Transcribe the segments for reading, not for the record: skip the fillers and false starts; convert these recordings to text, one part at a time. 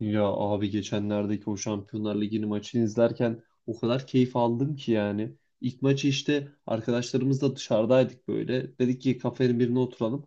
Ya abi geçenlerdeki o Şampiyonlar Ligi'nin maçını izlerken o kadar keyif aldım ki yani. İlk maçı işte arkadaşlarımızla dışarıdaydık böyle. Dedik ki kafenin birine oturalım.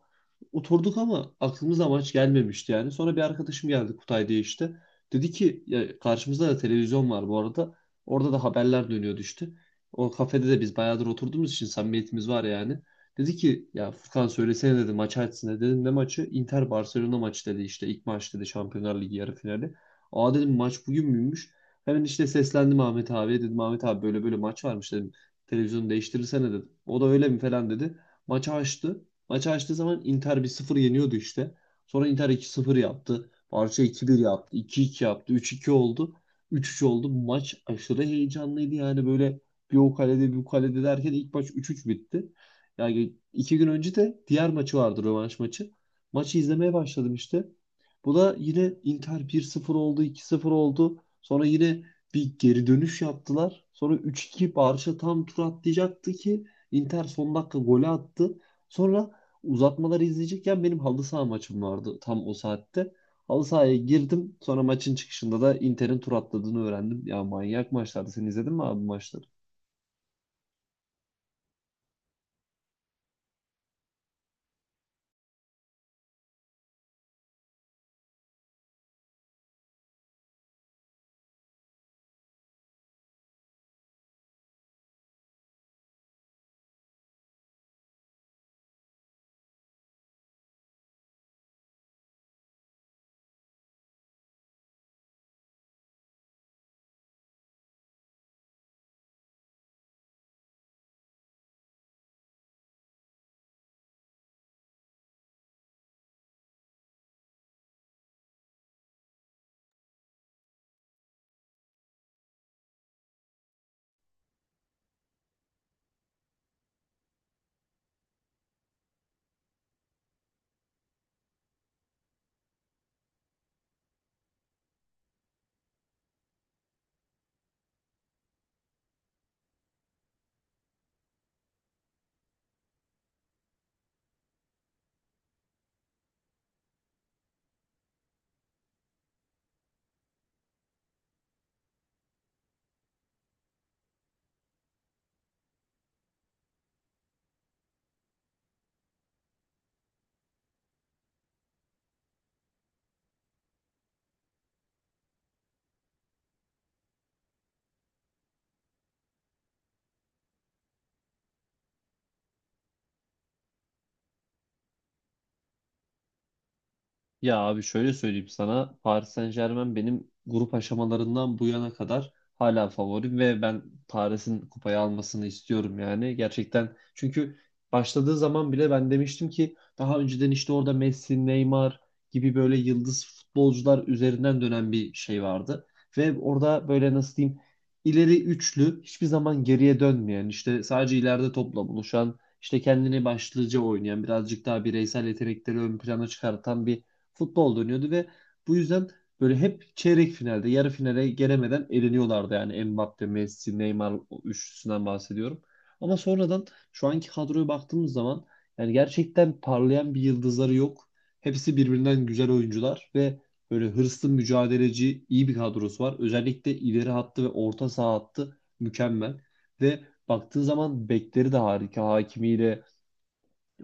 Oturduk ama aklımıza maç gelmemişti yani. Sonra bir arkadaşım geldi Kutay diye işte. Dedi ki ya karşımızda da televizyon var bu arada. Orada da haberler dönüyordu işte. O kafede de biz bayağıdır oturduğumuz için samimiyetimiz var yani. Dedi ki ya Furkan, söylesene dedi, maç açsın dedi. Dedim ne maçı? Inter Barcelona maçı dedi, işte ilk maç dedi, Şampiyonlar Ligi yarı finali. Aa dedim, maç bugün müymüş? Hemen işte seslendim Ahmet abiye, dedim Ahmet abi böyle böyle maç varmış dedim. Televizyonu değiştirirsene dedim. O da öyle mi falan dedi. Maçı açtı. Maçı açtığı zaman Inter 1-0 yeniyordu işte. Sonra Inter 2-0 yaptı. Barça 2-1 yaptı. 2-2 yaptı. 3-2 oldu. 3-3 oldu. Maç aşırı heyecanlıydı yani, böyle bir o kalede bir bu kalede derken ilk maç 3-3 bitti. Yani iki gün önce de diğer maçı vardı, rövanş maçı. Maçı izlemeye başladım işte. Bu da yine Inter 1-0 oldu, 2-0 oldu. Sonra yine bir geri dönüş yaptılar. Sonra üç 2 Barça tam tur atlayacaktı ki Inter son dakika golü attı. Sonra uzatmaları izleyecekken benim halı saha maçım vardı tam o saatte. Halı sahaya girdim. Sonra maçın çıkışında da Inter'in tur atladığını öğrendim. Ya manyak maçlardı. Sen izledin mi abi bu maçları? Ya abi şöyle söyleyeyim sana. Paris Saint-Germain benim grup aşamalarından bu yana kadar hala favorim ve ben Paris'in kupayı almasını istiyorum yani. Gerçekten, çünkü başladığı zaman bile ben demiştim ki daha önceden işte orada Messi, Neymar gibi böyle yıldız futbolcular üzerinden dönen bir şey vardı. Ve orada böyle, nasıl diyeyim, ileri üçlü hiçbir zaman geriye dönmeyen, işte sadece ileride topla buluşan, işte kendini başlıca oynayan, birazcık daha bireysel yetenekleri ön plana çıkartan bir futbol dönüyordu ve bu yüzden böyle hep çeyrek finalde, yarı finale gelemeden eleniyorlardı. Yani Mbappe, Messi, Neymar üçlüsünden bahsediyorum. Ama sonradan şu anki kadroya baktığımız zaman yani gerçekten parlayan bir yıldızları yok. Hepsi birbirinden güzel oyuncular ve böyle hırslı, mücadeleci, iyi bir kadrosu var. Özellikle ileri hattı ve orta saha hattı mükemmel. Ve baktığın zaman bekleri de harika. Hakimiyle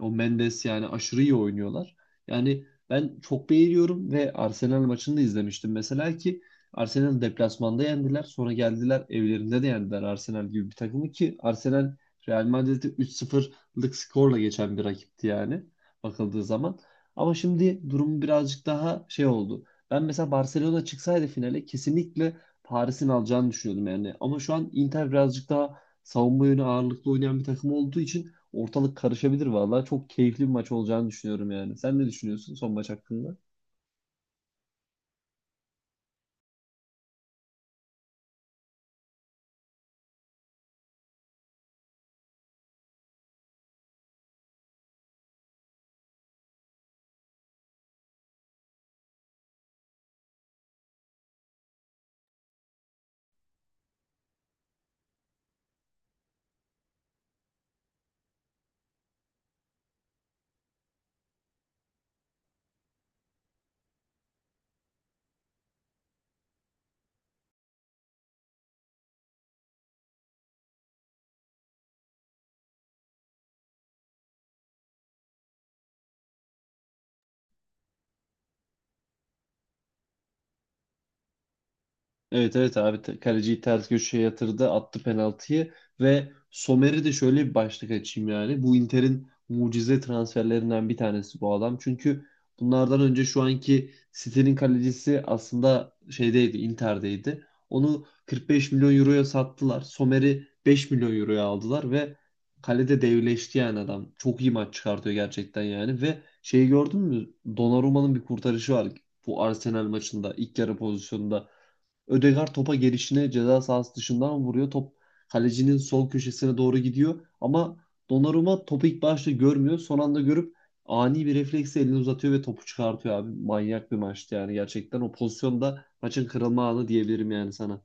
o Mendes yani aşırı iyi oynuyorlar. Yani ben çok beğeniyorum ve Arsenal maçını da izlemiştim mesela ki Arsenal deplasmanda yendiler. Sonra geldiler, evlerinde de yendiler Arsenal gibi bir takımı ki Arsenal Real Madrid'i 3-0'lık skorla geçen bir rakipti yani, bakıldığı zaman. Ama şimdi durum birazcık daha şey oldu. Ben mesela Barcelona çıksaydı finale kesinlikle Paris'in alacağını düşünüyordum yani. Ama şu an Inter birazcık daha savunma yönü ağırlıklı oynayan bir takım olduğu için ortalık karışabilir vallahi. Çok keyifli bir maç olacağını düşünüyorum yani. Sen ne düşünüyorsun son maç hakkında? Evet evet abi, kaleciyi ters köşeye yatırdı, attı penaltıyı. Ve Somer'i de, şöyle bir başlık açayım yani, bu Inter'in mucize transferlerinden bir tanesi bu adam. Çünkü bunlardan önce şu anki City'nin kalecisi aslında şeydeydi, Inter'deydi. Onu 45 milyon euroya sattılar, Somer'i 5 milyon euroya aldılar ve kalede devleşti yani. Adam çok iyi maç çıkartıyor gerçekten yani. Ve şeyi gördün mü, Donnarumma'nın bir kurtarışı var bu Arsenal maçında, ilk yarı pozisyonunda. Ödegaard topa gelişine ceza sahası dışından vuruyor. Top kalecinin sol köşesine doğru gidiyor. Ama Donnarumma topu ilk başta görmüyor. Son anda görüp ani bir refleksle elini uzatıyor ve topu çıkartıyor abi. Manyak bir maçtı yani gerçekten. O pozisyonda maçın kırılma anı diyebilirim yani sana.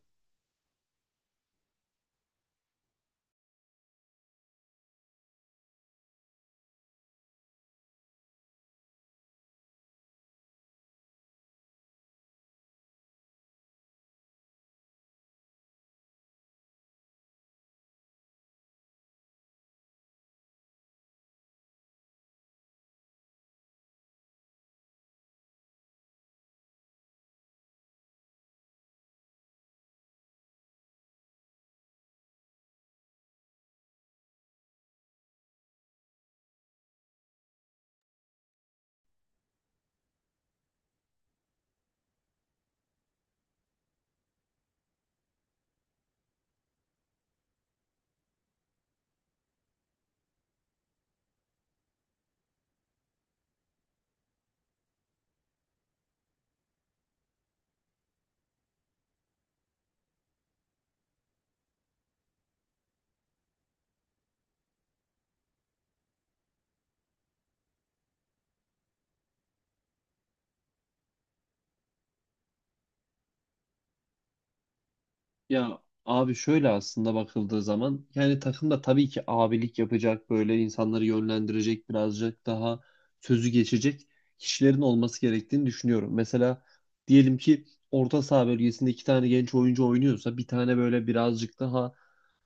Ya abi şöyle, aslında bakıldığı zaman yani takımda tabii ki abilik yapacak, böyle insanları yönlendirecek, birazcık daha sözü geçecek kişilerin olması gerektiğini düşünüyorum. Mesela diyelim ki orta saha bölgesinde iki tane genç oyuncu oynuyorsa bir tane böyle birazcık daha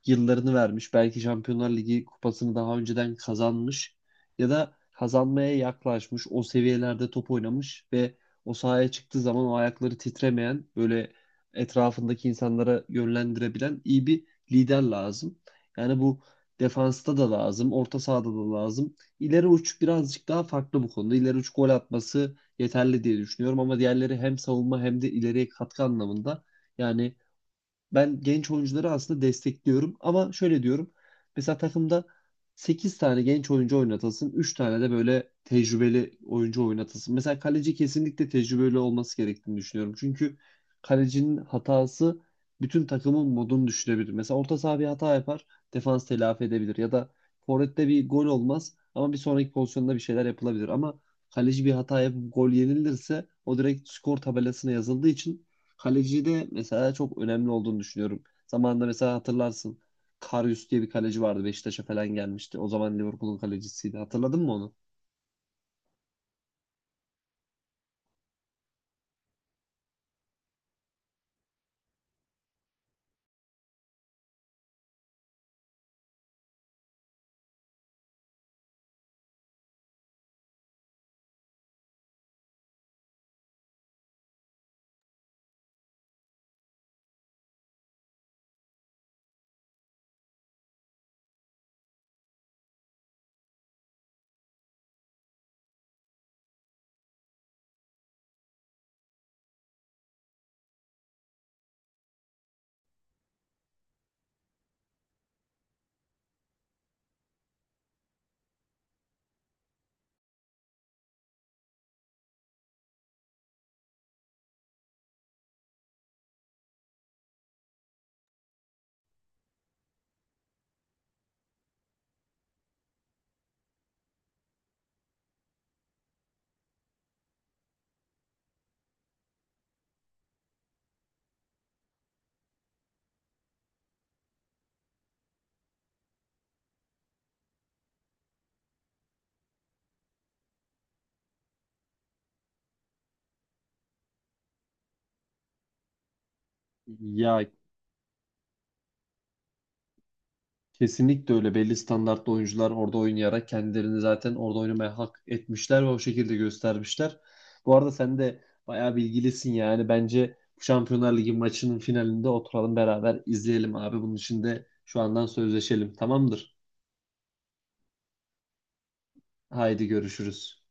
yıllarını vermiş, belki Şampiyonlar Ligi kupasını daha önceden kazanmış ya da kazanmaya yaklaşmış, o seviyelerde top oynamış ve o sahaya çıktığı zaman o ayakları titremeyen, böyle etrafındaki insanlara yönlendirebilen iyi bir lider lazım. Yani bu defansta da lazım, orta sahada da lazım. İleri uç birazcık daha farklı bu konuda. İleri uç gol atması yeterli diye düşünüyorum ama diğerleri hem savunma hem de ileriye katkı anlamında, yani ben genç oyuncuları aslında destekliyorum, ama şöyle diyorum. Mesela takımda 8 tane genç oyuncu oynatılsın, 3 tane de böyle tecrübeli oyuncu oynatılsın. Mesela kaleci kesinlikle tecrübeli olması gerektiğini düşünüyorum. Çünkü kalecinin hatası bütün takımın modunu düşürebilir. Mesela orta saha bir hata yapar, defans telafi edebilir ya da forvette bir gol olmaz ama bir sonraki pozisyonda bir şeyler yapılabilir. Ama kaleci bir hata yapıp gol yenilirse o direkt skor tabelasına yazıldığı için, kalecide mesela çok önemli olduğunu düşünüyorum. Zamanında mesela hatırlarsın. Karius diye bir kaleci vardı. Beşiktaş'a falan gelmişti. O zaman Liverpool'un kalecisiydi. Hatırladın mı onu? Ya kesinlikle öyle. Belli standartlı oyuncular orada oynayarak kendilerini zaten orada oynamaya hak etmişler ve o şekilde göstermişler. Bu arada sen de bayağı bilgilisin yani. Bence bu Şampiyonlar Ligi maçının finalinde oturalım, beraber izleyelim abi. Bunun için de şu andan sözleşelim. Tamamdır. Haydi görüşürüz.